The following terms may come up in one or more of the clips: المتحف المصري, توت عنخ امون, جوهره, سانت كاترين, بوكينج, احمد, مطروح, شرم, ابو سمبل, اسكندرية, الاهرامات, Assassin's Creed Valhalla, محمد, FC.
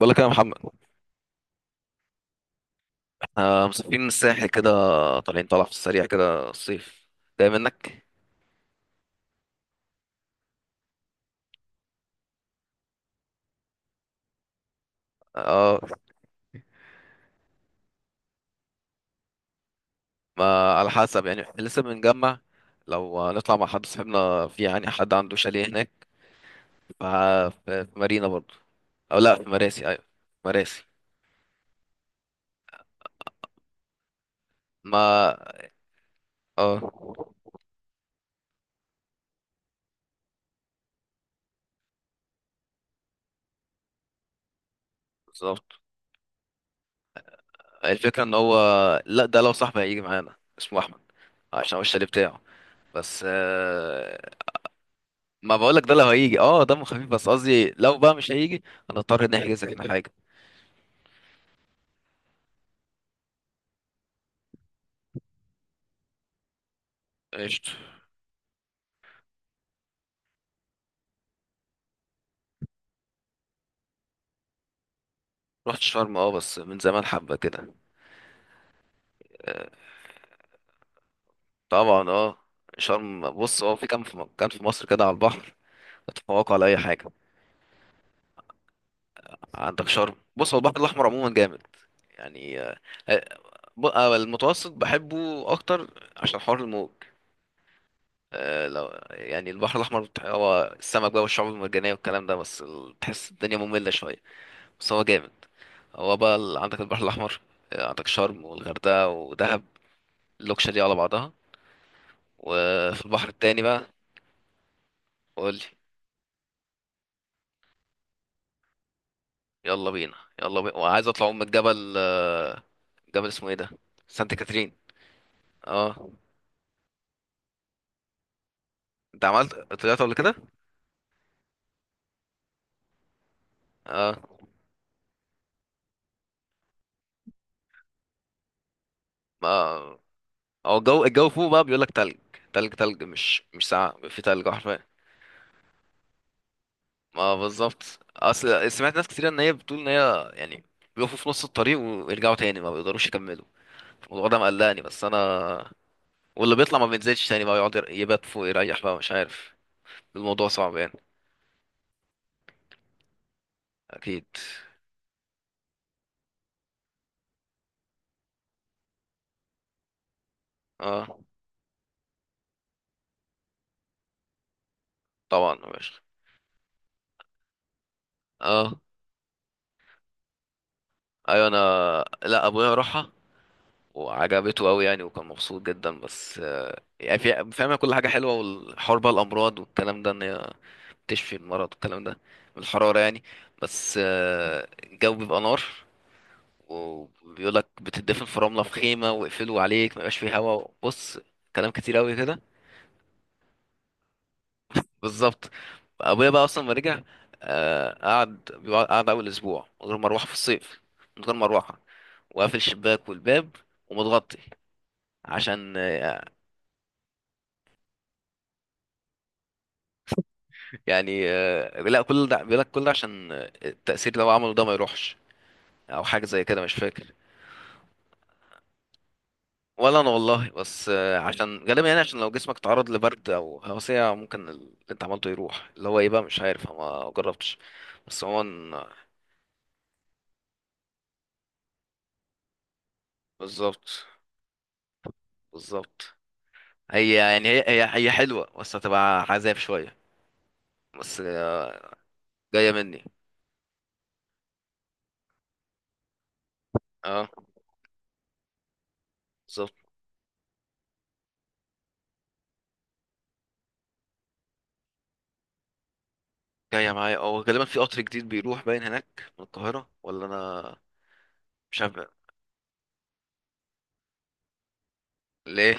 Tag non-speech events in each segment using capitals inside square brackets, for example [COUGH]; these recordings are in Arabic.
بقول لك يا محمد. آه، مسافرين الساحل كده. طالعين طالع في السريع كده الصيف. جاي منك. اه، ما على حسب يعني إحنا لسه بنجمع. لو نطلع مع حد صاحبنا، في يعني حد عنده شاليه هناك في مارينا برضو، او لا في مراسي. ايوه، مراسي. ما. اه، بالظبط. الفكرة ان هو... لا، ده لو صاحبي هيجي معانا اسمه احمد، عشان هو الشاليه بتاعه. بس ما بقولك، ده لو هيجي اه دمه خفيف، بس قصدي لو بقى مش هيجي هنضطر نحجز احنا حاجة. قشطة. رحت شرم اه، بس من زمان حبة كده. آه، طبعا اه. شرم بص، هو في كام في مكان في مصر كده على البحر تتفوق على أي حاجة؟ عندك شرم. بص، هو البحر الأحمر عموما جامد. يعني. آه، المتوسط بحبه أكتر عشان حر الموج. لو يعني البحر الأحمر هو السمك بقى والشعاب المرجانية والكلام ده، بس تحس الدنيا مملة شوية. بس هو جامد. هو بقى عندك البحر الأحمر. عندك شرم والغردقة ودهب، اللوكشة دي على بعضها. وفي البحر التاني بقى. قول لي. يلا بينا. يلا بينا، وعايز اطلع من الجبل. جبل اسمه ايه ده؟ سانت كاترين. اه، انت عملت طلعت قبل كده؟ اه ما هو الجو فوق بقى بيقول لك تلج تلج تلج، مش ساعة في تلج حرفيا. ما بالظبط. اصل سمعت ناس كتير ان هي بتقول ان هي يعني بيقفوا في نص الطريق ويرجعوا تاني ما بيقدروش يكملوا. الموضوع ده مقلقني، بس انا... واللي بيطلع ما بينزلش تاني بقى، يقعد يبات فوق يريح بقى مش عارف. الموضوع صعب يعني. اكيد. اه طبعا يا باشا. اه، ايوه انا. لا، ابويا راحها وعجبته قوي يعني، وكان مبسوط جدا. بس يعني فاهمه كل حاجه حلوه، والحوار بقى الامراض والكلام ده، ان هي تشفي المرض والكلام ده من الحراره يعني. بس الجو بيبقى نار، وبيقولك بتدفن في رمله في خيمه ويقفلوا عليك ما يبقاش فيه هوا. بص، كلام كتير قوي كده. بالظبط. ابويا بقى اصلا ما رجع. قعد اول اسبوع من غير مروحه في الصيف، من غير مروحه، وقافل الشباك والباب ومتغطي. عشان يعني لا، كل ده بيقول لك، كل ده عشان التأثير لو عمله ده ما يروحش، او حاجه زي كده مش فاكر. ولا انا والله. بس عشان غالبا يعني، عشان لو جسمك تعرض لبرد او هوسية ممكن اللي انت عملته يروح، اللي هو ايه بقى مش عارف، أنا ما جربتش. بس هو... بالظبط. بالظبط. هي يعني هي حلوة، بس هتبقى عذاب شوية. بس. جاية مني. اه، بالظبط. جاية معايا اه، غالبا في قطر جديد بيروح باين هناك من القاهرة، ولا انا مش عارف ليه.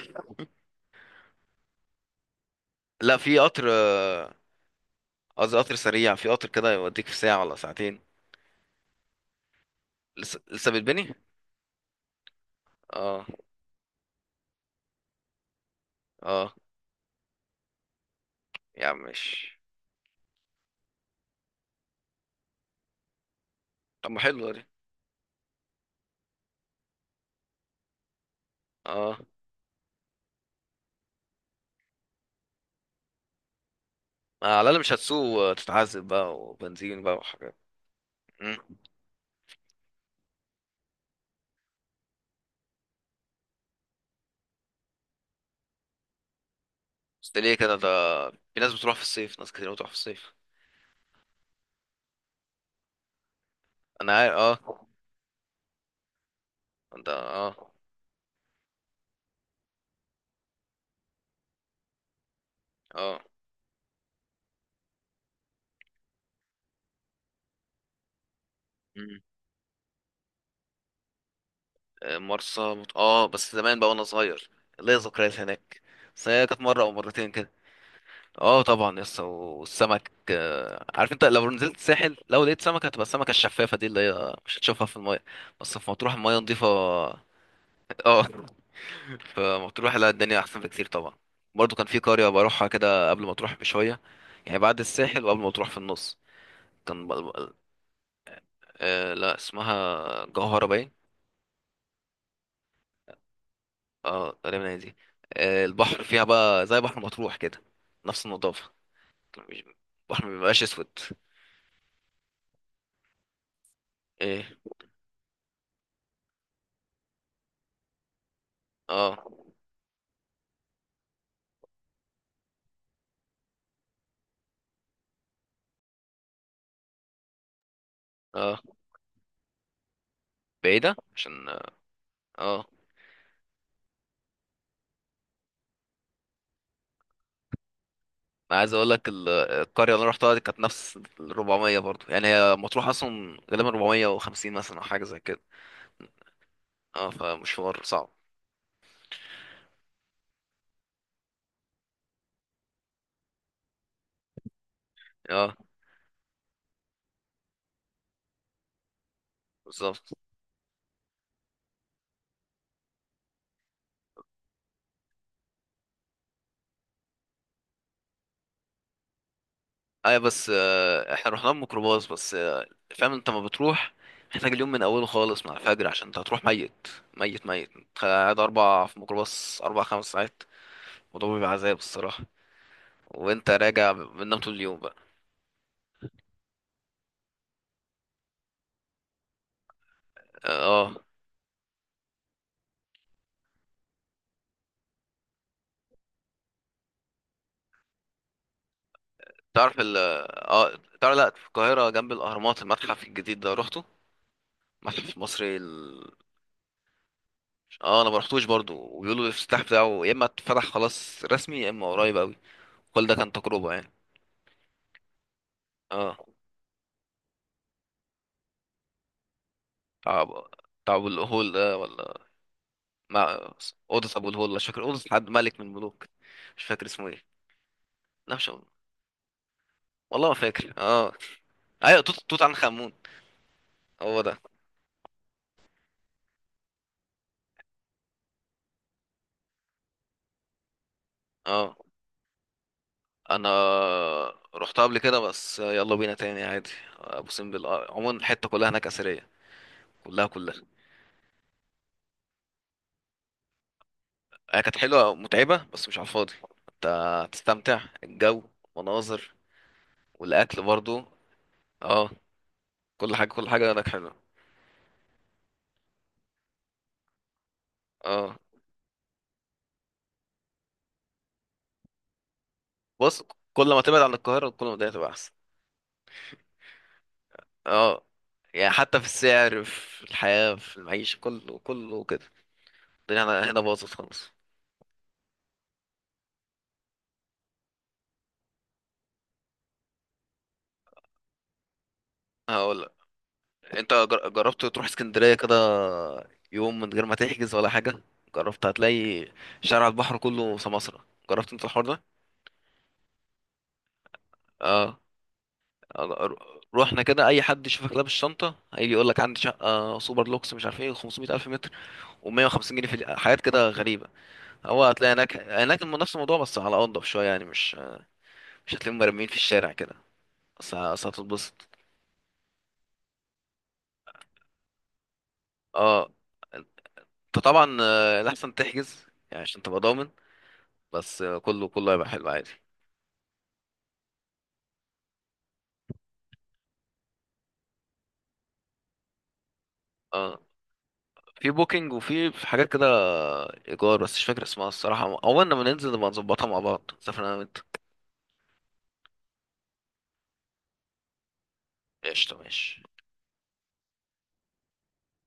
لا، في قطر قصدي قطر سريع، في قطر كده يوديك في ساعة ولا ساعتين. لسه لسه بيتبني. اه، اه. يا عم مش... طب ما حلوة دي. اه، على الأقل مش هتسوق وتتعذب بقى وبنزين بقى وحاجات. مم. بس ده ليه كده ده؟ في ناس بتروح في الصيف، ناس كتير بتروح في الصيف. انا عارف اه. ده اه. اه. مم. اه بس زمان بقى وانا صغير، ليا ذكريات هناك. بس هي كانت مره او مرتين كده. اه طبعا. يس، والسمك عارف انت لو نزلت الساحل لو لقيت سمكه هتبقى السمكه الشفافه دي اللي هي مش هتشوفها في المايه. بس في مطروح المايه نضيفه [LAUGHS] اه. في... مطروح، لا، الدنيا احسن بكتير طبعا. برضو كان في قريه بروحها كده قبل ما تروح بشويه، يعني بعد الساحل وقبل ما تروح في النص. كان آه لا، اسمها جوهره باين. اه غالبا هي دي. البحر فيها بقى زي بحر مطروح كده، نفس النظافة. مش- البحر مبيبقاش اسود. ايه. اه. اه. بعيدة عشان. اه. انا عايز اقول لك القرية اللي انا رحتها دي كانت نفس ال 400 برضو، يعني هي مطروح اصلا. غالبا 450 مثلا، او حاجة زي كده. اه، فمشوار صعب. اه، بالظبط. اي بس احنا رحنا بميكروباص. بس فاهم انت ما بتروح. محتاج اليوم من اوله خالص مع الفجر، عشان انت هتروح ميت ميت ميت. انت قاعد اربع في ميكروباص اربع خمس ساعات. الموضوع بيبقى عذاب الصراحه. وانت راجع بتنام طول اليوم بقى. اه، تعرف ال... اه تعرف، لا في القاهره جنب الاهرامات المتحف الجديد ده روحته؟ المتحف المصري ال... اه انا ما رحتوش برضو، وبيقولوا الافتتاح بتاعه يا اما اتفتح خلاص رسمي، يا اما قريب قوي. كل ده كان تجربه يعني. اه. تعب. تعب الهول ده، ولا... مع... اوضه ابو الهول مش فاكر، اوضه حد ملك من الملوك مش فاكر اسمه ايه. لا، مش والله ما فاكر اه. ايوه، توت عنخ امون. هو ده. اه انا رحت قبل كده، بس يلا بينا تاني عادي. ابو سمبل عموما الحته كلها هناك اثريه. كلها كلها. هي كانت حلوه، متعبه بس مش على الفاضي. انت هتستمتع، الجو، مناظر، والاكل برضو. اه. كل حاجه كل حاجه هناك حلوه. اه. بص، كل ما تبعد عن القاهره كل ما الدنيا تبقى احسن. اه، يعني حتى في السعر، في الحياة، في المعيشة، كله كله كده. الدنيا هنا هنا باظت خالص. هقول لك. انت جربت تروح اسكندرية كده يوم من غير ما تحجز ولا حاجة؟ جربت؟ هتلاقي شارع البحر كله سماسرة. جربت انت الحوار ده؟ اه. رو- روحنا كده، اي حد يشوفك لابس شنطة هيجي يقول لك عندي شقة سوبر لوكس مش عارف ايه 500 الف متر، و150 جنيه، في حاجات كده غريبة. هو هتلاقي هناك نفس الموضوع، بس على انضف شوية يعني. مش مش هتلاقيهم مرميين في الشارع كده. بس هتتبسط. اه، انت طبعا الاحسن تحجز يعني عشان تبقى ضامن. بس كله كله هيبقى حلو عادي. اه، في بوكينج، وفي حاجات كده ايجار، بس مش فاكر اسمها الصراحه، اول لما ننزل نبقى نظبطها مع بعض، سافر انا وانت. قشطه، ماشي.